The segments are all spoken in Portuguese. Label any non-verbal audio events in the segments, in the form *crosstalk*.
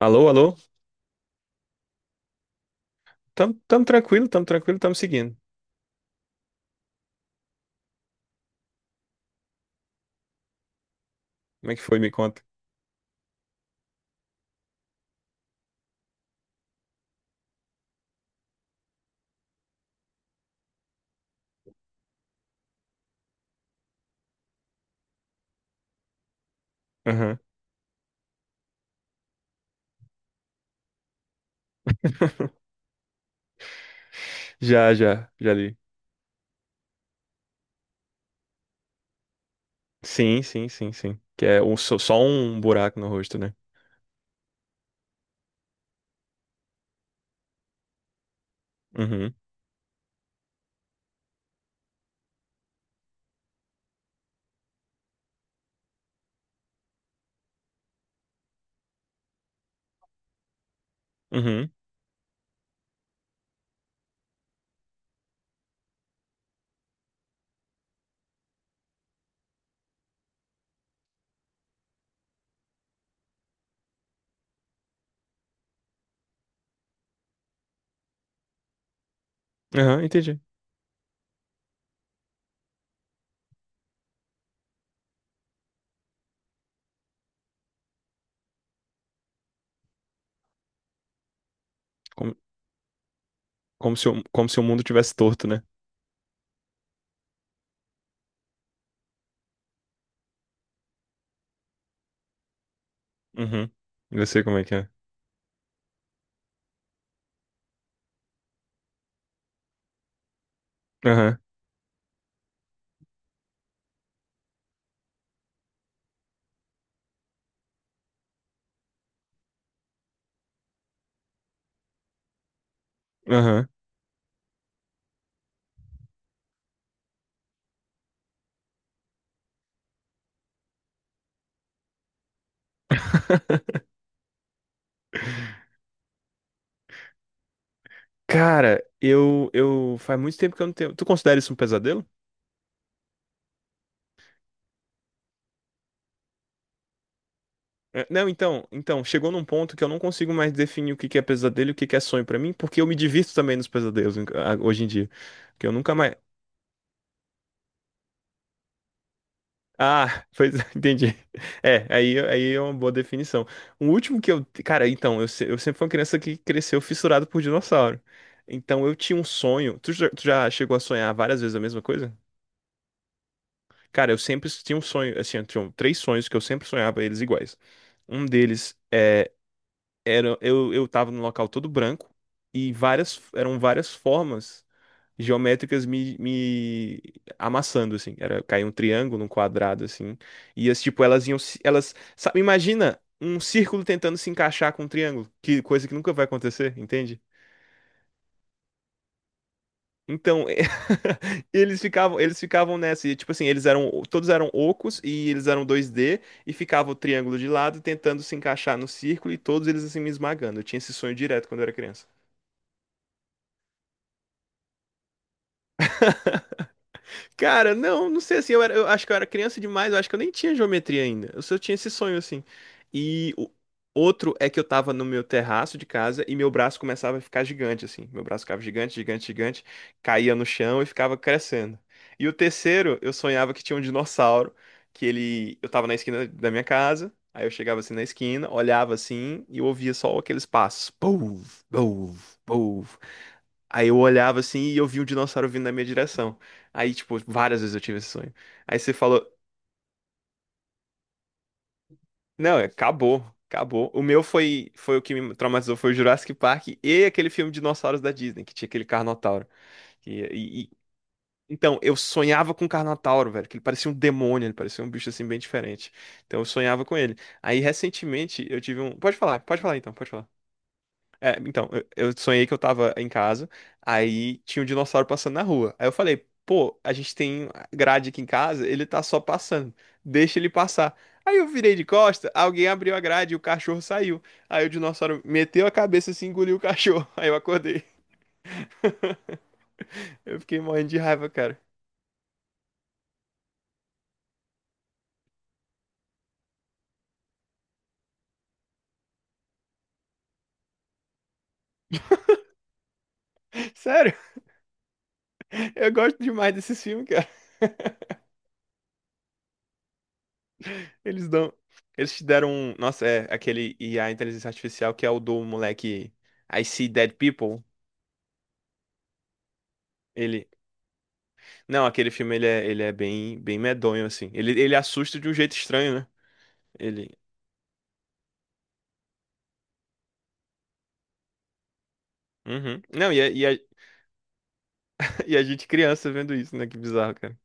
Alô, alô? Tamo tranquilo, tamo tranquilo, tamo seguindo. Como é que foi? Me conta. Aham. Já, já, já li. Sim, sim, sim, sim. Que é só um buraco no rosto, né? Uhum, uhum, aham, entendi. Como, como se o mundo tivesse torto, né? Uhum. Eu sei como é que é. Aham, aham. Cara, faz muito tempo que eu não tenho. Tu considera isso um pesadelo? É, não, então, chegou num ponto que eu não consigo mais definir o que que é pesadelo e o que que é sonho pra mim, porque eu me divirto também nos pesadelos hoje em dia. Porque eu nunca mais... Ah, pois *laughs* entendi. É, aí é uma boa definição. O último que eu... Cara, então, eu, se- eu sempre fui uma criança que cresceu fissurado por dinossauro. Então eu tinha um sonho. Tu já chegou a sonhar várias vezes a mesma coisa? Cara, eu sempre tinha um sonho. Assim, eu tinha um, três sonhos que eu sempre sonhava eles iguais. Um deles era... Eu tava num local todo branco e eram várias formas geométricas me amassando, assim. Era cair um triângulo, um quadrado, assim. Tipo, elas iam. Se- Elas. Sabe, imagina um círculo tentando se encaixar com um triângulo. Que coisa que nunca vai acontecer, entende? Então, *laughs* é, eles ficavam nessa, e tipo assim, todos eram ocos e eles eram dois d. E ficava o triângulo de lado tentando se encaixar no círculo e todos eles assim me esmagando. Eu tinha esse sonho direto quando eu era criança. Cara, não, não sei assim, eu acho que eu era criança demais, eu acho que eu nem tinha geometria ainda. Eu só tinha esse sonho assim. E o outro é que eu tava no meu terraço de casa e meu braço começava a ficar gigante assim. Meu braço ficava gigante, gigante, gigante, caía no chão e ficava crescendo. E o terceiro, eu sonhava que tinha um dinossauro, que ele, eu tava na esquina da minha casa, aí eu chegava assim na esquina, olhava assim e eu ouvia só aqueles passos, pou, pou, pou. Aí eu olhava assim e eu vi um dinossauro vindo na minha direção. Aí, tipo, várias vezes eu tive esse sonho. Aí você falou, não, é, acabou, acabou. O meu foi o que me traumatizou, foi o Jurassic Park e aquele filme Dinossauros da Disney, que tinha aquele Carnotauro. E, e- e- então, eu sonhava com o Carnotauro, velho, que ele parecia um demônio, ele parecia um bicho assim bem diferente. Então eu sonhava com ele. Aí recentemente eu tive um... pode falar então, pode falar. É, então, eu sonhei que eu tava em casa, aí tinha um dinossauro passando na rua. Aí eu falei, pô, a gente tem grade aqui em casa, ele tá só passando, deixa ele passar. Aí eu virei de costa, alguém abriu a grade e o cachorro saiu. Aí o dinossauro meteu a cabeça assim, e engoliu o cachorro. *laughs* Aí eu acordei. Eu fiquei morrendo de raiva, cara. Sério, eu gosto demais desses filmes, cara. *laughs* Eles dão... Eles te deram um... Nossa, é aquele I, a inteligência artificial, que é o do moleque I See Dead People. Ele. Não, aquele filme ele é bem, bem medonho, assim. Ele assusta de um jeito estranho, né? Ele. Uhum. Não, *laughs* e a gente criança vendo isso, né? Que bizarro, cara.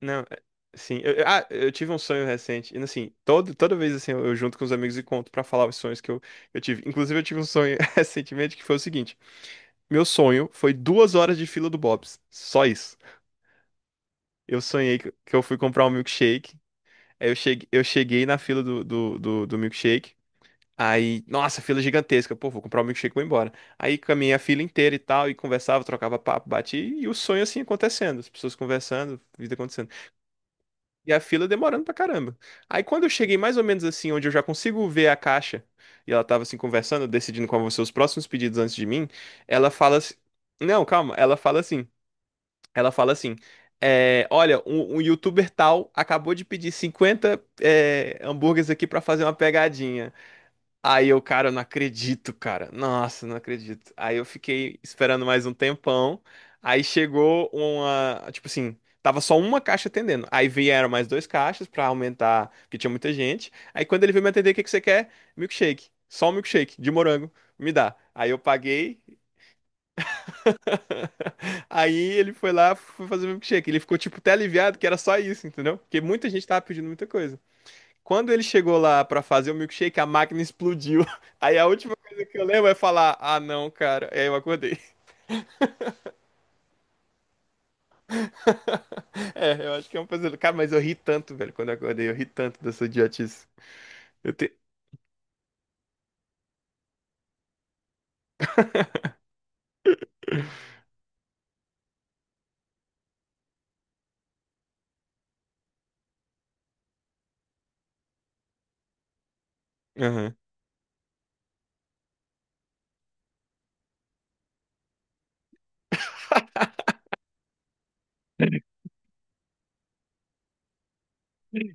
Não, sim. Eu tive um sonho recente. E assim, todo, toda vez assim, eu junto com os amigos e conto pra falar os sonhos que eu tive. Inclusive, eu tive um sonho *laughs* recentemente que foi o seguinte: meu sonho foi 2 horas de fila do Bob's. Só isso. Eu sonhei que eu fui comprar um milkshake. Aí eu cheguei na fila do milkshake. Aí, nossa, fila gigantesca. Pô, vou comprar o um milkshake e vou embora. Aí caminhei a fila inteira e tal, e conversava, trocava papo, bati, e o sonho assim acontecendo, as pessoas conversando, vida acontecendo. E a fila demorando pra caramba. Aí quando eu cheguei mais ou menos assim, onde eu já consigo ver a caixa, e ela tava assim conversando, decidindo qual vão ser os próximos pedidos antes de mim, ela fala assim. Não, calma, ela fala assim. Ela fala assim. Olha, um youtuber tal acabou de pedir 50 hambúrgueres aqui pra fazer uma pegadinha. Aí eu, cara, eu não acredito, cara. Nossa, não acredito. Aí eu fiquei esperando mais um tempão. Aí chegou tipo assim, tava só uma caixa atendendo. Aí vieram mais dois caixas pra aumentar, porque tinha muita gente. Aí quando ele veio me atender, o que que você quer? Milkshake. Só um milkshake de morango. Me dá. Aí eu paguei. *laughs* Aí ele foi lá, foi fazer o milkshake. Ele ficou tipo até aliviado que era só isso, entendeu? Porque muita gente tava pedindo muita coisa. Quando ele chegou lá pra fazer o milkshake, a máquina explodiu. *laughs* Aí a última coisa que eu lembro é falar: ah, não, cara. E aí eu acordei. *laughs* É, eu acho que é um pesadelo. Cara, mas eu ri tanto, velho, quando eu acordei. Eu ri tanto dessa idiotice. Eu te... Aham.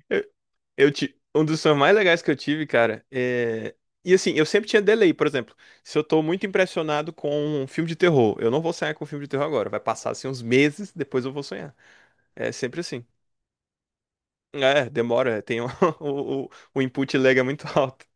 Eu, Um dos sonhos mais legais que eu tive, cara, é... E assim, eu sempre tinha delay, por exemplo. Se eu tô muito impressionado com um filme de terror, eu não vou sonhar com um filme de terror agora. Vai passar assim uns meses, depois eu vou sonhar. É sempre assim. É, demora, *laughs* o input lag é muito alto.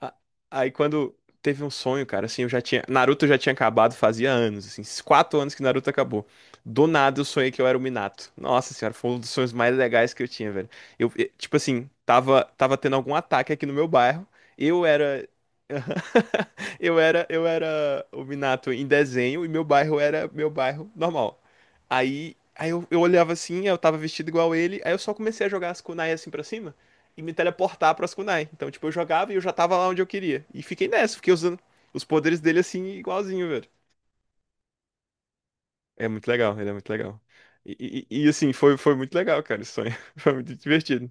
A- Aí quando teve um sonho, cara, assim, eu já tinha. Naruto já tinha acabado fazia anos, assim, esses 4 anos que Naruto acabou. Do nada eu sonhei que eu era o Minato. Nossa senhora, foi um dos sonhos mais legais que eu tinha, velho. Tipo assim, tava tendo algum ataque aqui no meu bairro. Eu era. *laughs* Eu era o Minato em desenho e meu bairro era meu bairro normal. Aí eu olhava assim, eu tava vestido igual ele, aí eu só comecei a jogar as kunai assim pra cima e me teleportar pra Askunai. Então, tipo, eu jogava e eu já tava lá onde eu queria. E fiquei nessa, fiquei usando os poderes dele assim, igualzinho, velho. É muito legal, ele é muito legal. Assim, foi muito legal, cara, esse sonho. *laughs* Foi muito divertido.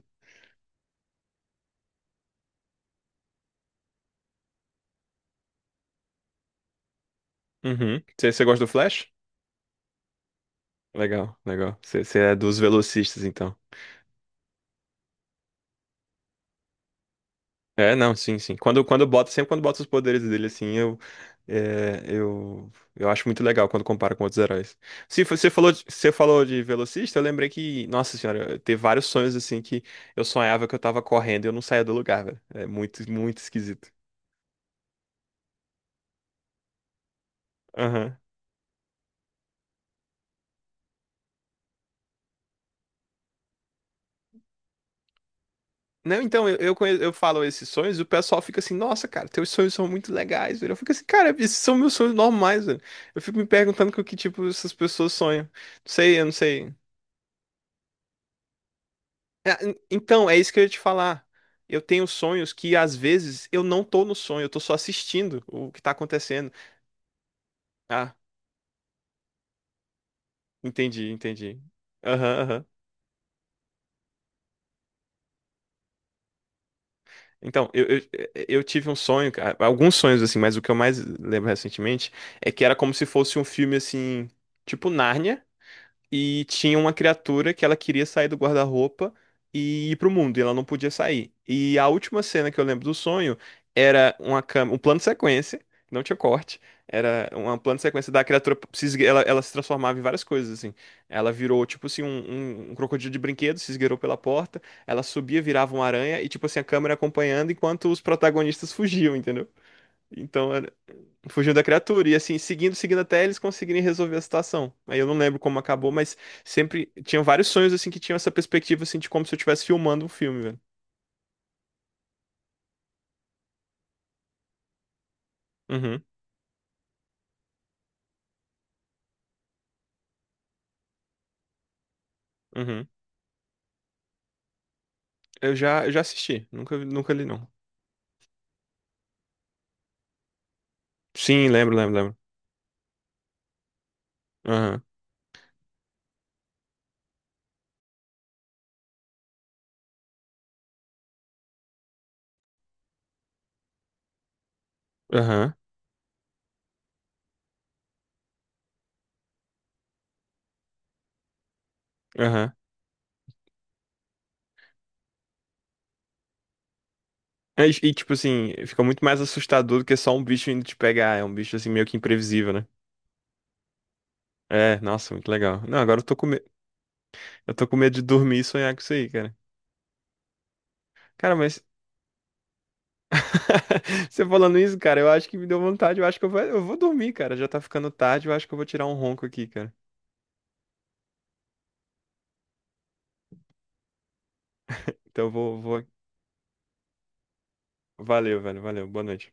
Uhum. Você gosta do Flash? Legal, legal. Você é dos velocistas, então. É, não, sim, sim. Quando bota, sempre quando bota os poderes dele, assim, eu acho muito legal quando compara com outros heróis. Se fo- você falou, você falou de velocista, eu lembrei que, nossa senhora, eu teve vários sonhos, assim, que eu sonhava que eu tava correndo e eu não saía do lugar, velho. É muito, muito esquisito. Aham. Não, então, eu falo esses sonhos e o pessoal fica assim, nossa, cara, teus sonhos são muito legais, velho. Eu fico assim, cara, esses são meus sonhos normais, velho. Eu fico me perguntando com que tipo essas pessoas sonham. Não sei, eu não sei. É, então, é isso que eu ia te falar. Eu tenho sonhos que às vezes eu não tô no sonho, eu tô só assistindo o que tá acontecendo. Ah, entendi, entendi. Aham, aham. Então, eu tive um sonho, cara, alguns sonhos assim, mas o que eu mais lembro recentemente é que era como se fosse um filme assim, tipo Nárnia. E tinha uma criatura que ela queria sair do guarda-roupa e ir pro mundo, e ela não podia sair. E a última cena que eu lembro do sonho era uma câmera, um plano de sequência, não tinha corte, era um plano de sequência da criatura, se esgue- ela se transformava em várias coisas, assim. Ela virou, tipo assim, um crocodilo de brinquedo, se esgueirou pela porta, ela subia, virava uma aranha, e tipo assim, a câmera acompanhando enquanto os protagonistas fugiam, entendeu? Então fugiu da criatura, e assim, seguindo, seguindo até eles conseguirem resolver a situação. Aí eu não lembro como acabou, mas sempre tinha vários sonhos assim que tinham essa perspectiva assim de como se eu estivesse filmando um filme, velho. Uhum, uhum. Eu já assisti, nunca, nunca li não. Sim, lembro, lembro, lembro. Aham, aham, aham. Tipo assim, fica muito mais assustador do que só um bicho indo te pegar, é um bicho assim meio que imprevisível, né? É, nossa, muito legal. Não, agora eu tô com medo, eu tô com medo de dormir e sonhar com isso aí, cara. Cara, mas *laughs* você falando isso, cara, eu acho que me deu vontade. Eu acho que eu vou dormir, cara. Já tá ficando tarde. Eu acho que eu vou tirar um ronco aqui, cara. Então eu vou. Valeu, velho. Valeu. Boa noite.